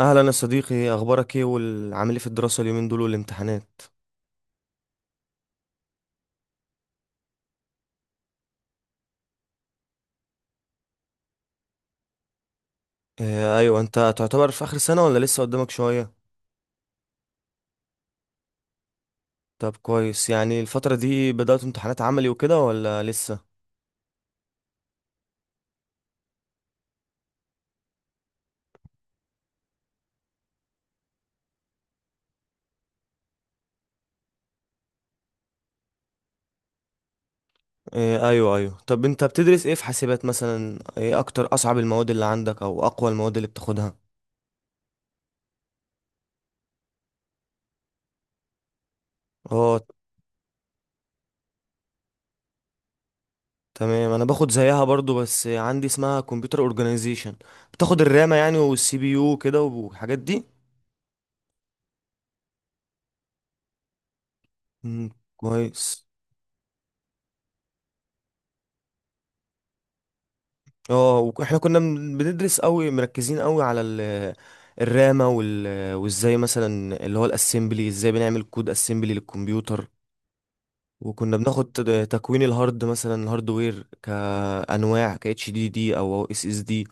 اهلا يا صديقي، اخبارك ايه والعامل ايه في الدراسه اليومين دول والامتحانات؟ آه ايوه، انت تعتبر في اخر سنه ولا لسه قدامك شويه؟ طب كويس، يعني الفتره دي بدات امتحانات عملي وكده ولا لسه؟ آه ايوه ايوه، طب انت بتدرس ايه في حاسبات؟ مثلا ايه اكتر اصعب المواد اللي عندك او اقوى المواد اللي بتاخدها؟ اه تمام، انا باخد زيها برضو، بس عندي اسمها كمبيوتر اورجانيزيشن. بتاخد الرامه يعني والسي بي يو كده والحاجات دي. مم، كويس. اه، واحنا كنا بندرس قوي، مركزين قوي على الرامة وازاي مثلا اللي هو الاسمبلي، ازاي بنعمل كود اسمبلي للكمبيوتر. وكنا بناخد تكوين الهارد، مثلا الهاردوير كانواع ك اتش دي دي او اس اس دي.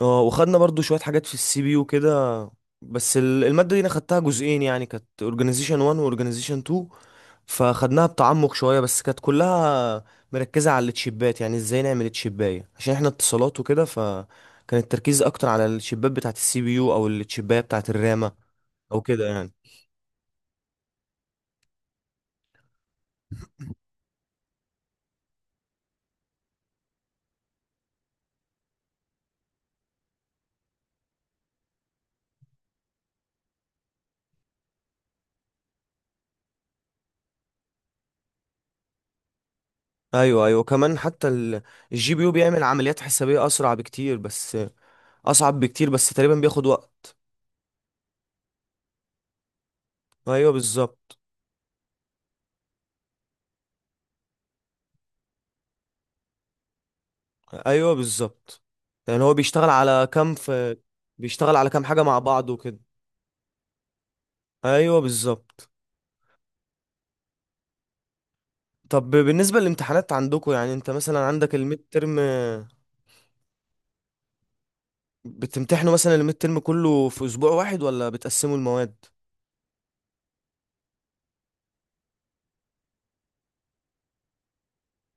اه، وخدنا برضو شوية حاجات في السي بي يو كده. بس المادة دي انا خدتها جزئين، يعني كانت اورجانيزيشن 1 واورجانيزيشن 2. فاخدناها بتعمق شويه، بس كانت كلها مركزه على التشيبات، يعني ازاي نعمل التشيبايه عشان احنا اتصالات وكده، فكان التركيز اكتر على التشيبات بتاعه السي بي يو او التشيبايه بتاعه الرامه او كده يعني. ايوه ايوه، كمان حتى الجي بي يو بيعمل عمليات حسابيه اسرع بكتير، بس اصعب بكتير، بس تقريبا بياخد وقت. ايوه بالظبط. ايوه بالظبط، يعني هو بيشتغل على كام حاجه مع بعض وكده. ايوه بالظبط. طب بالنسبة للامتحانات عندكم، يعني انت مثلا عندك الميد ترم، بتمتحنوا مثلا الميد ترم كله في اسبوع واحد ولا بتقسموا المواد؟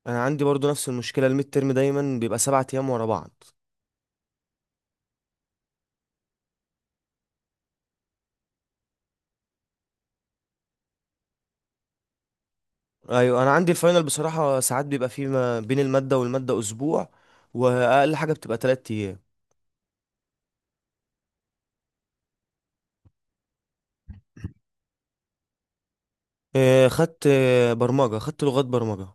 انا عندي برضو نفس المشكلة، الميد ترم دايما بيبقى 7 ايام ورا بعض. ايوه، انا عندي الفاينل بصراحة ساعات بيبقى فيه ما بين المادة والمادة اسبوع، واقل حاجة بتبقى 3 ايام. اه، خدت برمجة، خدت لغات برمجة.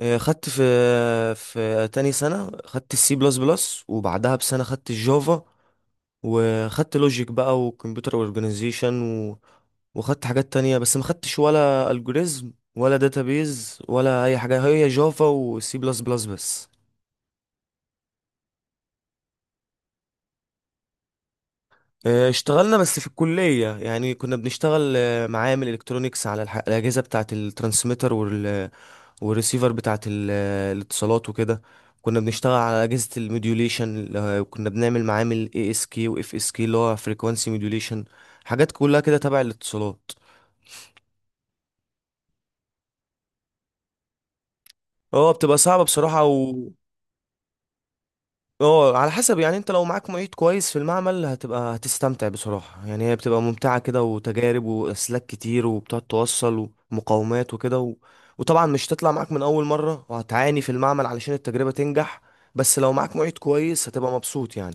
اه، خدت في تاني سنة خدت السي بلس بلس وبعدها بسنة خدت الجافا، وخدت لوجيك بقى وكمبيوتر اورجانيزيشن و... وخدت حاجات تانية، بس ما خدتش ولا الجوريزم ولا داتابيز ولا اي حاجة، هي جافا وسي بلس بلس بس. آه، اشتغلنا بس في الكلية، يعني كنا بنشتغل معامل الكترونيكس على الأجهزة بتاعة الترانسميتر والريسيفر بتاعة ال... آه، الاتصالات وكده. كنا بنشتغل على أجهزة الموديوليشن، وكنا بنعمل معامل اي اس كي واف اس كي، اللي هو فريكوانسي موديوليشن. حاجات كلها كده تبع الاتصالات. اه، بتبقى صعبة بصراحة و. اه، على حسب، يعني انت لو معاك معيد كويس في المعمل هتبقى هتستمتع بصراحة، يعني هي بتبقى ممتعة كده، وتجارب وأسلاك كتير، وبتقعد توصل ومقاومات وكده وطبعا مش تطلع معاك من أول مرة، وهتعاني في المعمل علشان التجربة تنجح. بس لو معاك معيد كويس هتبقى مبسوط يعني.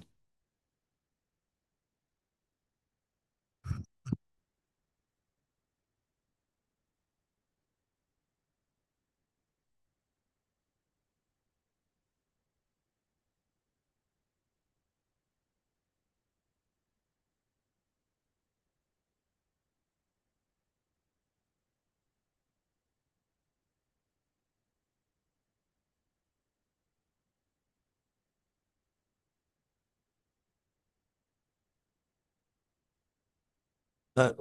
لا،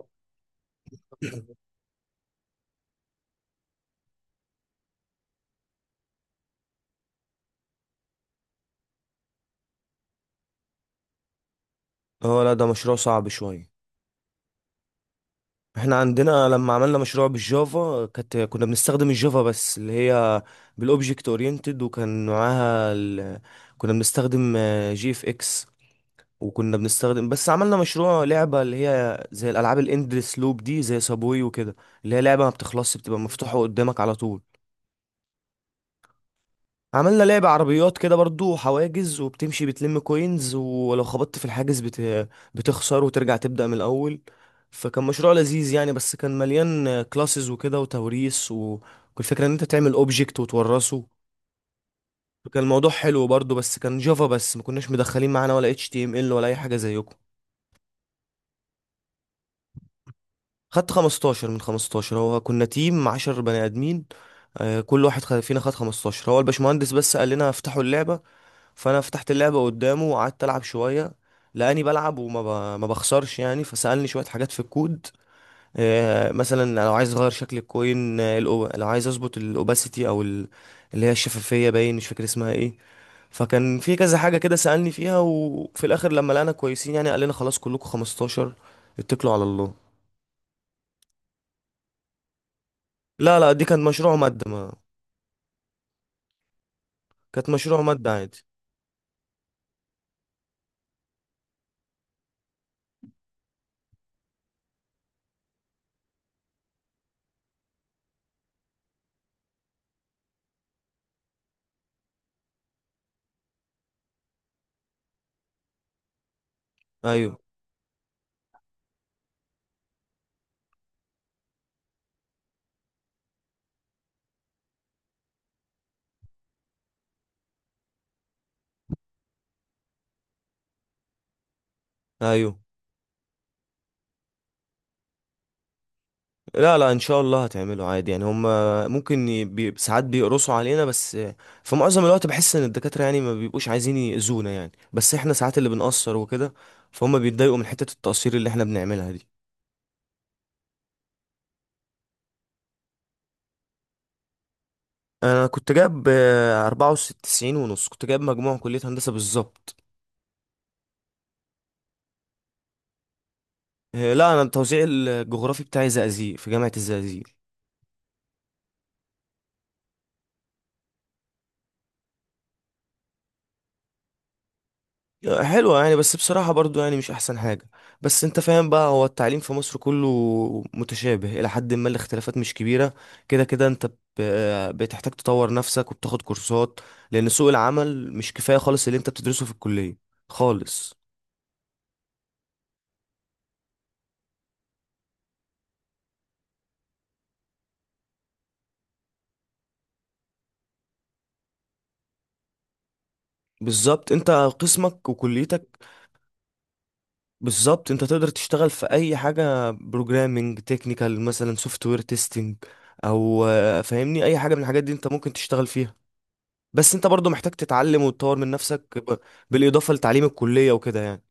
اه، لا، ده مشروع صعب شوية. احنا عندنا لما عملنا مشروع بالجافا، كانت كنا بنستخدم الجافا بس اللي هي بالاوبجكت اورينتد، وكان معاها كنا بنستخدم جي اف اكس، وكنا بنستخدم، بس عملنا مشروع لعبة اللي هي زي الالعاب الاندلس لوب دي زي سابوي وكده، اللي هي لعبة ما بتخلصش، بتبقى مفتوحة قدامك على طول. عملنا لعبة عربيات كده برضو، حواجز وبتمشي بتلم كوينز، ولو خبطت في الحاجز بتخسر وترجع تبدأ من الأول، فكان مشروع لذيذ يعني، بس كان مليان كلاسز وكده وتوريث، والفكرة ان انت تعمل اوبجكت وتورثه. كان الموضوع حلو برضو، بس كان جافا بس، ما كناش مدخلين معانا ولا HTML ولا اي حاجة زيكم. خدت 15 من 15، هو كنا تيم 10 بني ادمين. كل واحد فينا خد 15، هو الباشمهندس بس قال لنا افتحوا اللعبة. فانا فتحت اللعبه قدامه وقعدت العب شويه، لاني بلعب وما ب... ما بخسرش يعني، فسالني شويه حاجات في الكود، مثلا لو عايز اغير شكل الكوين، لو عايز اظبط الاوباسيتي او اللي هي الشفافيه، باين مش فاكر اسمها ايه. فكان في كذا حاجه كده سالني فيها، وفي الاخر لما لقينا كويسين يعني، قال لنا خلاص كلكم 15. اتكلوا على الله. لا لا، دي كانت مشروع ماده، ما كانت مشروع ماده عادي. ايوه ايوه. لا لا، ان شاء الله هتعمله عادي يعني، هم ممكن بي ساعات بيقرصوا علينا، بس في معظم الوقت بحس ان الدكاترة يعني ما بيبقوش عايزين يأذونا، يعني بس احنا ساعات اللي بنقصر وكده، فهم بيتضايقوا من حتة التقصير اللي احنا بنعملها دي. انا كنت جايب 94.5، كنت جايب مجموع كلية هندسة بالظبط. لا انا التوزيع الجغرافي بتاعي زقازيق، في جامعة الزقازيق. حلوة يعني، بس بصراحة برضو يعني مش أحسن حاجة. بس أنت فاهم بقى، هو التعليم في مصر كله متشابه إلى حد ما، الاختلافات مش كبيرة. كده كده أنت بتحتاج تطور نفسك وبتاخد كورسات، لأن سوق العمل مش كفاية خالص اللي أنت بتدرسه في الكلية خالص. بالظبط، أنت قسمك وكليتك. بالظبط، أنت تقدر تشتغل في أي حاجة بروجرامينج تكنيكال، مثلا سوفت وير تيستنج أو فاهمني، أي حاجة من الحاجات دي أنت ممكن تشتغل فيها. بس انت برضو محتاج تتعلم وتطور من نفسك، بالاضافه لتعليم الكليه وكده يعني.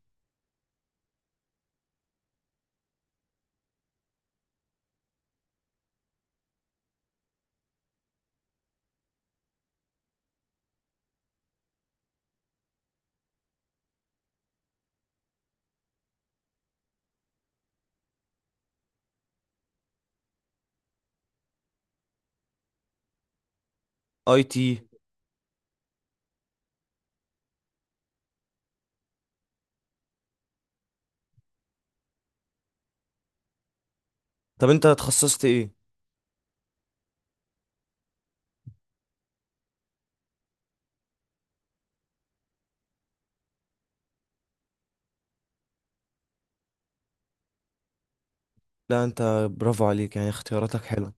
IT. طب انت تخصصت ايه؟ لا انت، برافو عليك يعني، اختياراتك حلوه.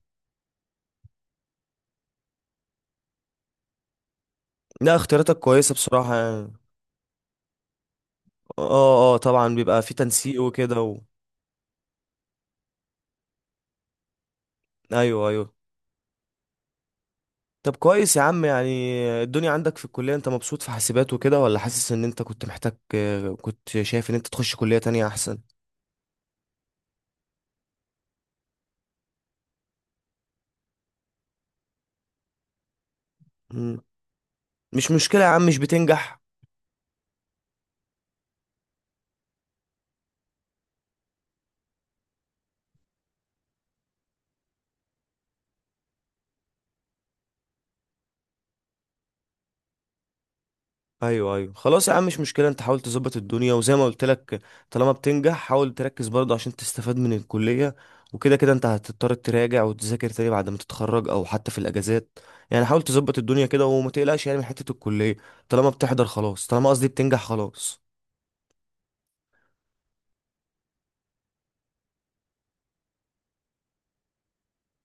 لا، اختياراتك كويسه بصراحه يعني. اه اه، طبعا بيبقى في تنسيق وكده و. ايوه ايوه. طب كويس يا عم يعني، الدنيا عندك في الكليه، انت مبسوط في حاسبات وكده ولا حاسس ان انت كنت محتاج، كنت شايف ان انت تخش كليه تانية احسن؟ مم. مش مشكله يا عم، مش بتنجح؟ ايوه ايوه، خلاص يا عم، مش مشكله، انت حاول تظبط الدنيا وزي ما قلت لك، طالما بتنجح حاول تركز برضه عشان تستفاد من الكليه، وكده كده انت هتضطر تراجع وتذاكر تاني بعد ما تتخرج او حتى في الاجازات، يعني حاول تظبط الدنيا كده وما تقلقش يعني من حته الكليه، طالما بتحضر خلاص، طالما قصدي بتنجح خلاص.